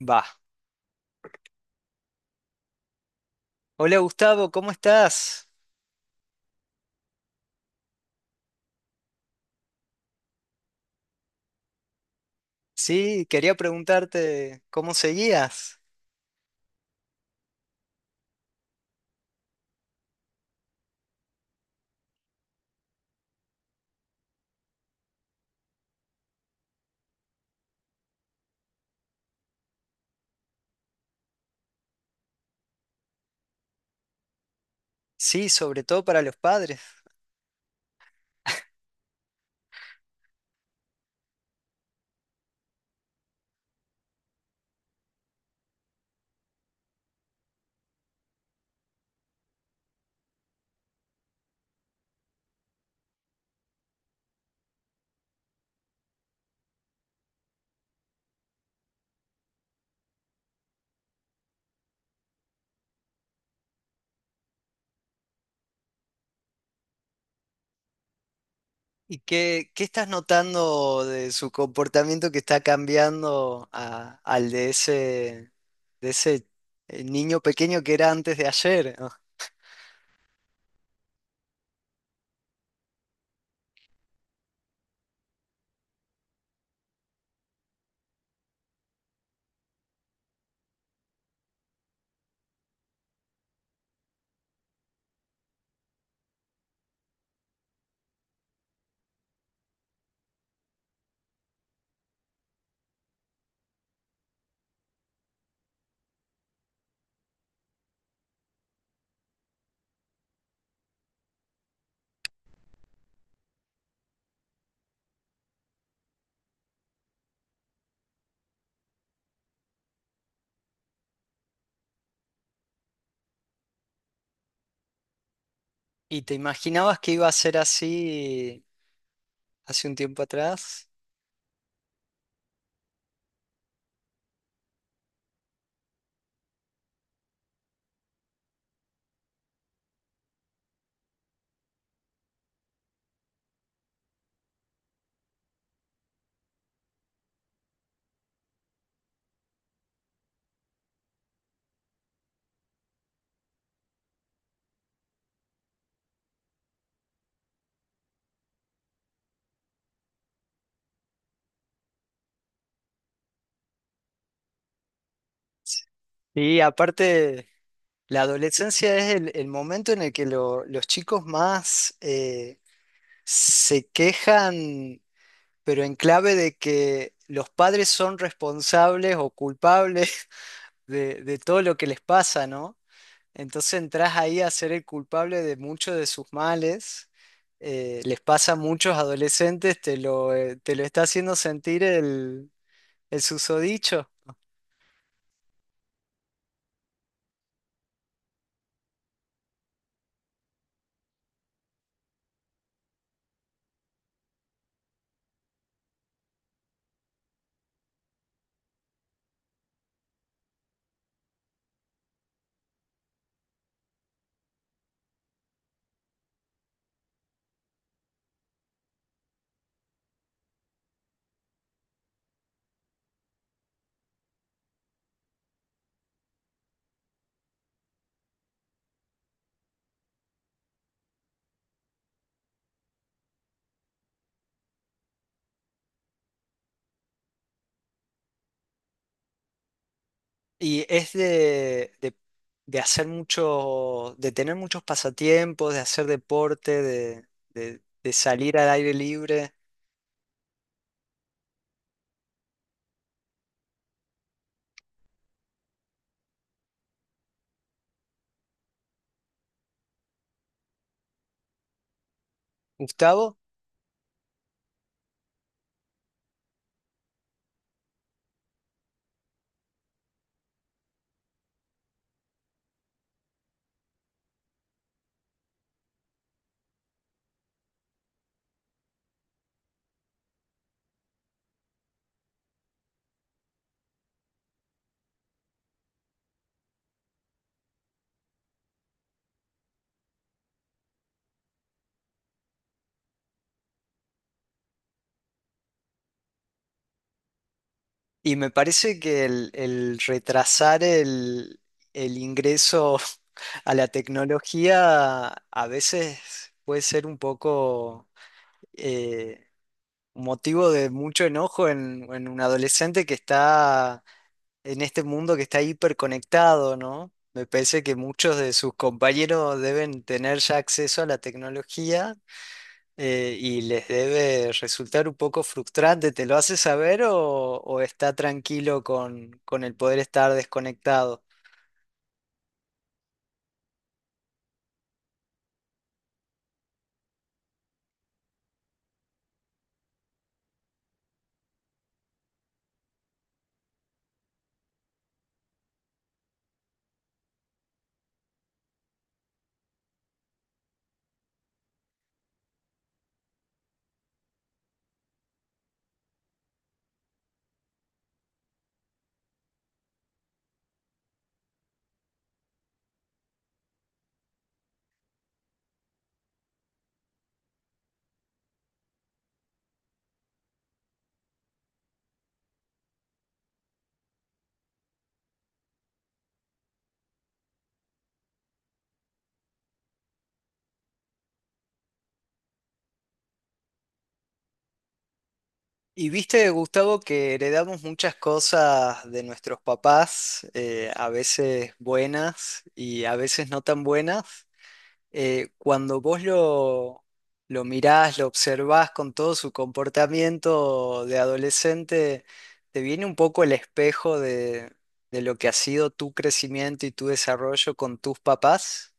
Va. Hola, Gustavo, ¿cómo estás? Sí, quería preguntarte cómo seguías. Sí, sobre todo para los padres. ¿Y qué estás notando de su comportamiento que está cambiando al de ese niño pequeño que era antes de ayer, ¿no? ¿Y te imaginabas que iba a ser así hace un tiempo atrás? Y aparte, la adolescencia es el momento en el que los chicos más... se quejan, pero en clave de que los padres son responsables o culpables de todo lo que les pasa, ¿no? Entonces entras ahí a ser el culpable de muchos de sus males. Les pasa a muchos adolescentes, te lo está haciendo sentir el susodicho. Y es de hacer mucho, de tener muchos pasatiempos, de hacer deporte, de salir al aire libre. Gustavo. Y me parece que el retrasar el ingreso a la tecnología a veces puede ser un poco eh, motivo de mucho enojo en un adolescente que está en este mundo que está hiperconectado, ¿no? Me parece que muchos de sus compañeros deben tener ya acceso a la tecnología, y les debe resultar un poco frustrante. ¿Te lo hace saber o está tranquilo con el poder estar desconectado? Y viste, Gustavo, que heredamos muchas cosas de nuestros papás, a veces buenas y a veces no tan buenas. Cuando vos lo mirás, lo observás con todo su comportamiento de adolescente, te viene un poco el espejo de lo que ha sido tu crecimiento y tu desarrollo con tus papás.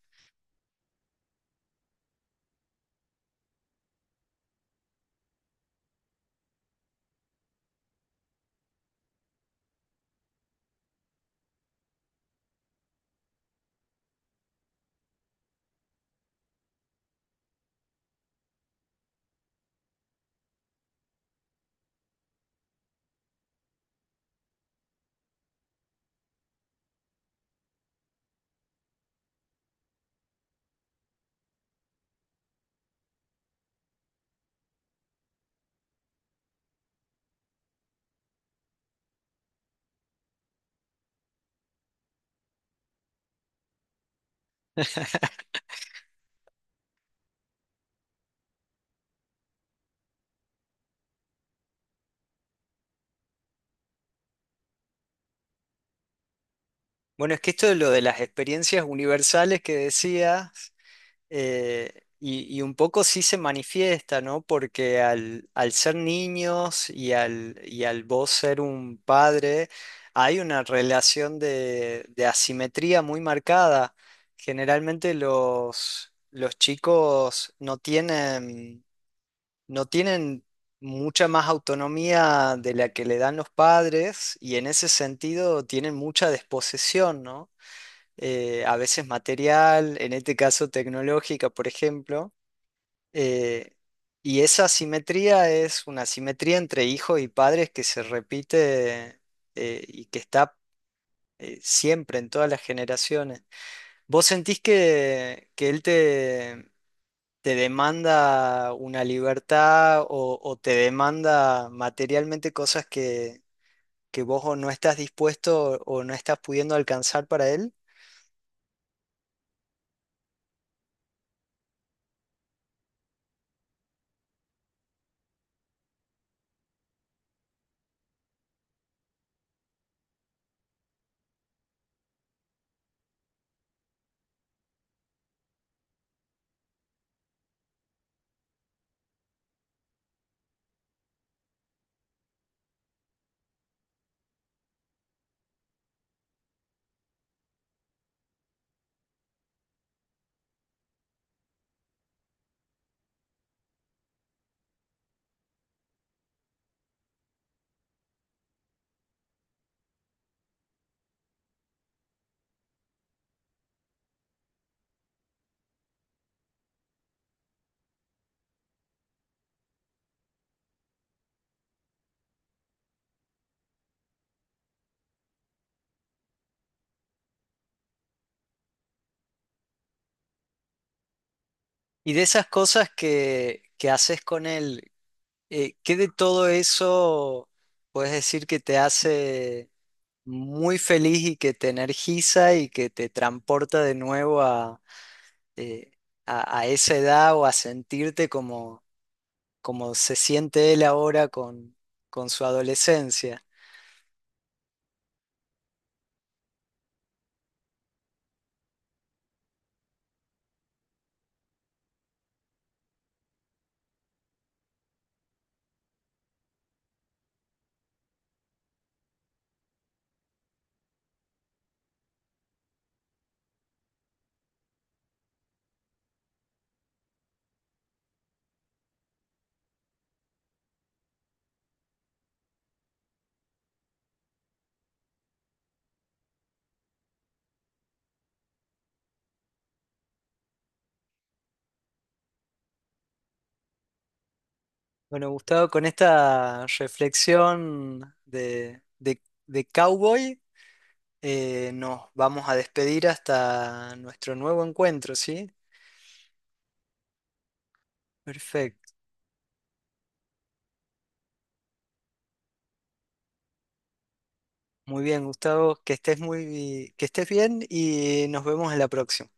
Bueno, es que esto de lo de las experiencias universales que decías, eh, y un poco sí se manifiesta, ¿no? Porque al, al ser niños y al vos ser un padre, hay una relación de asimetría muy marcada. Generalmente los chicos no tienen, no tienen mucha más autonomía de la que le dan los padres, y en ese sentido tienen mucha desposesión, ¿no? A veces material, en este caso tecnológica, por ejemplo. Eh, y esa asimetría es una asimetría entre hijos y padres que se repite, y que está siempre en todas las generaciones. ¿Vos sentís que él te demanda una libertad o te demanda materialmente cosas que vos o no estás dispuesto o no estás pudiendo alcanzar para él? Y de esas cosas que haces con él, ¿qué de todo eso puedes decir que te hace muy feliz y que te energiza y que te transporta de nuevo eh, a esa edad o a sentirte como, como se siente él ahora con su adolescencia? Bueno, Gustavo, con esta reflexión de cowboy, nos vamos a despedir hasta nuestro nuevo encuentro, ¿sí? Perfecto. Muy bien, Gustavo, que estés muy, que estés bien y nos vemos en la próxima.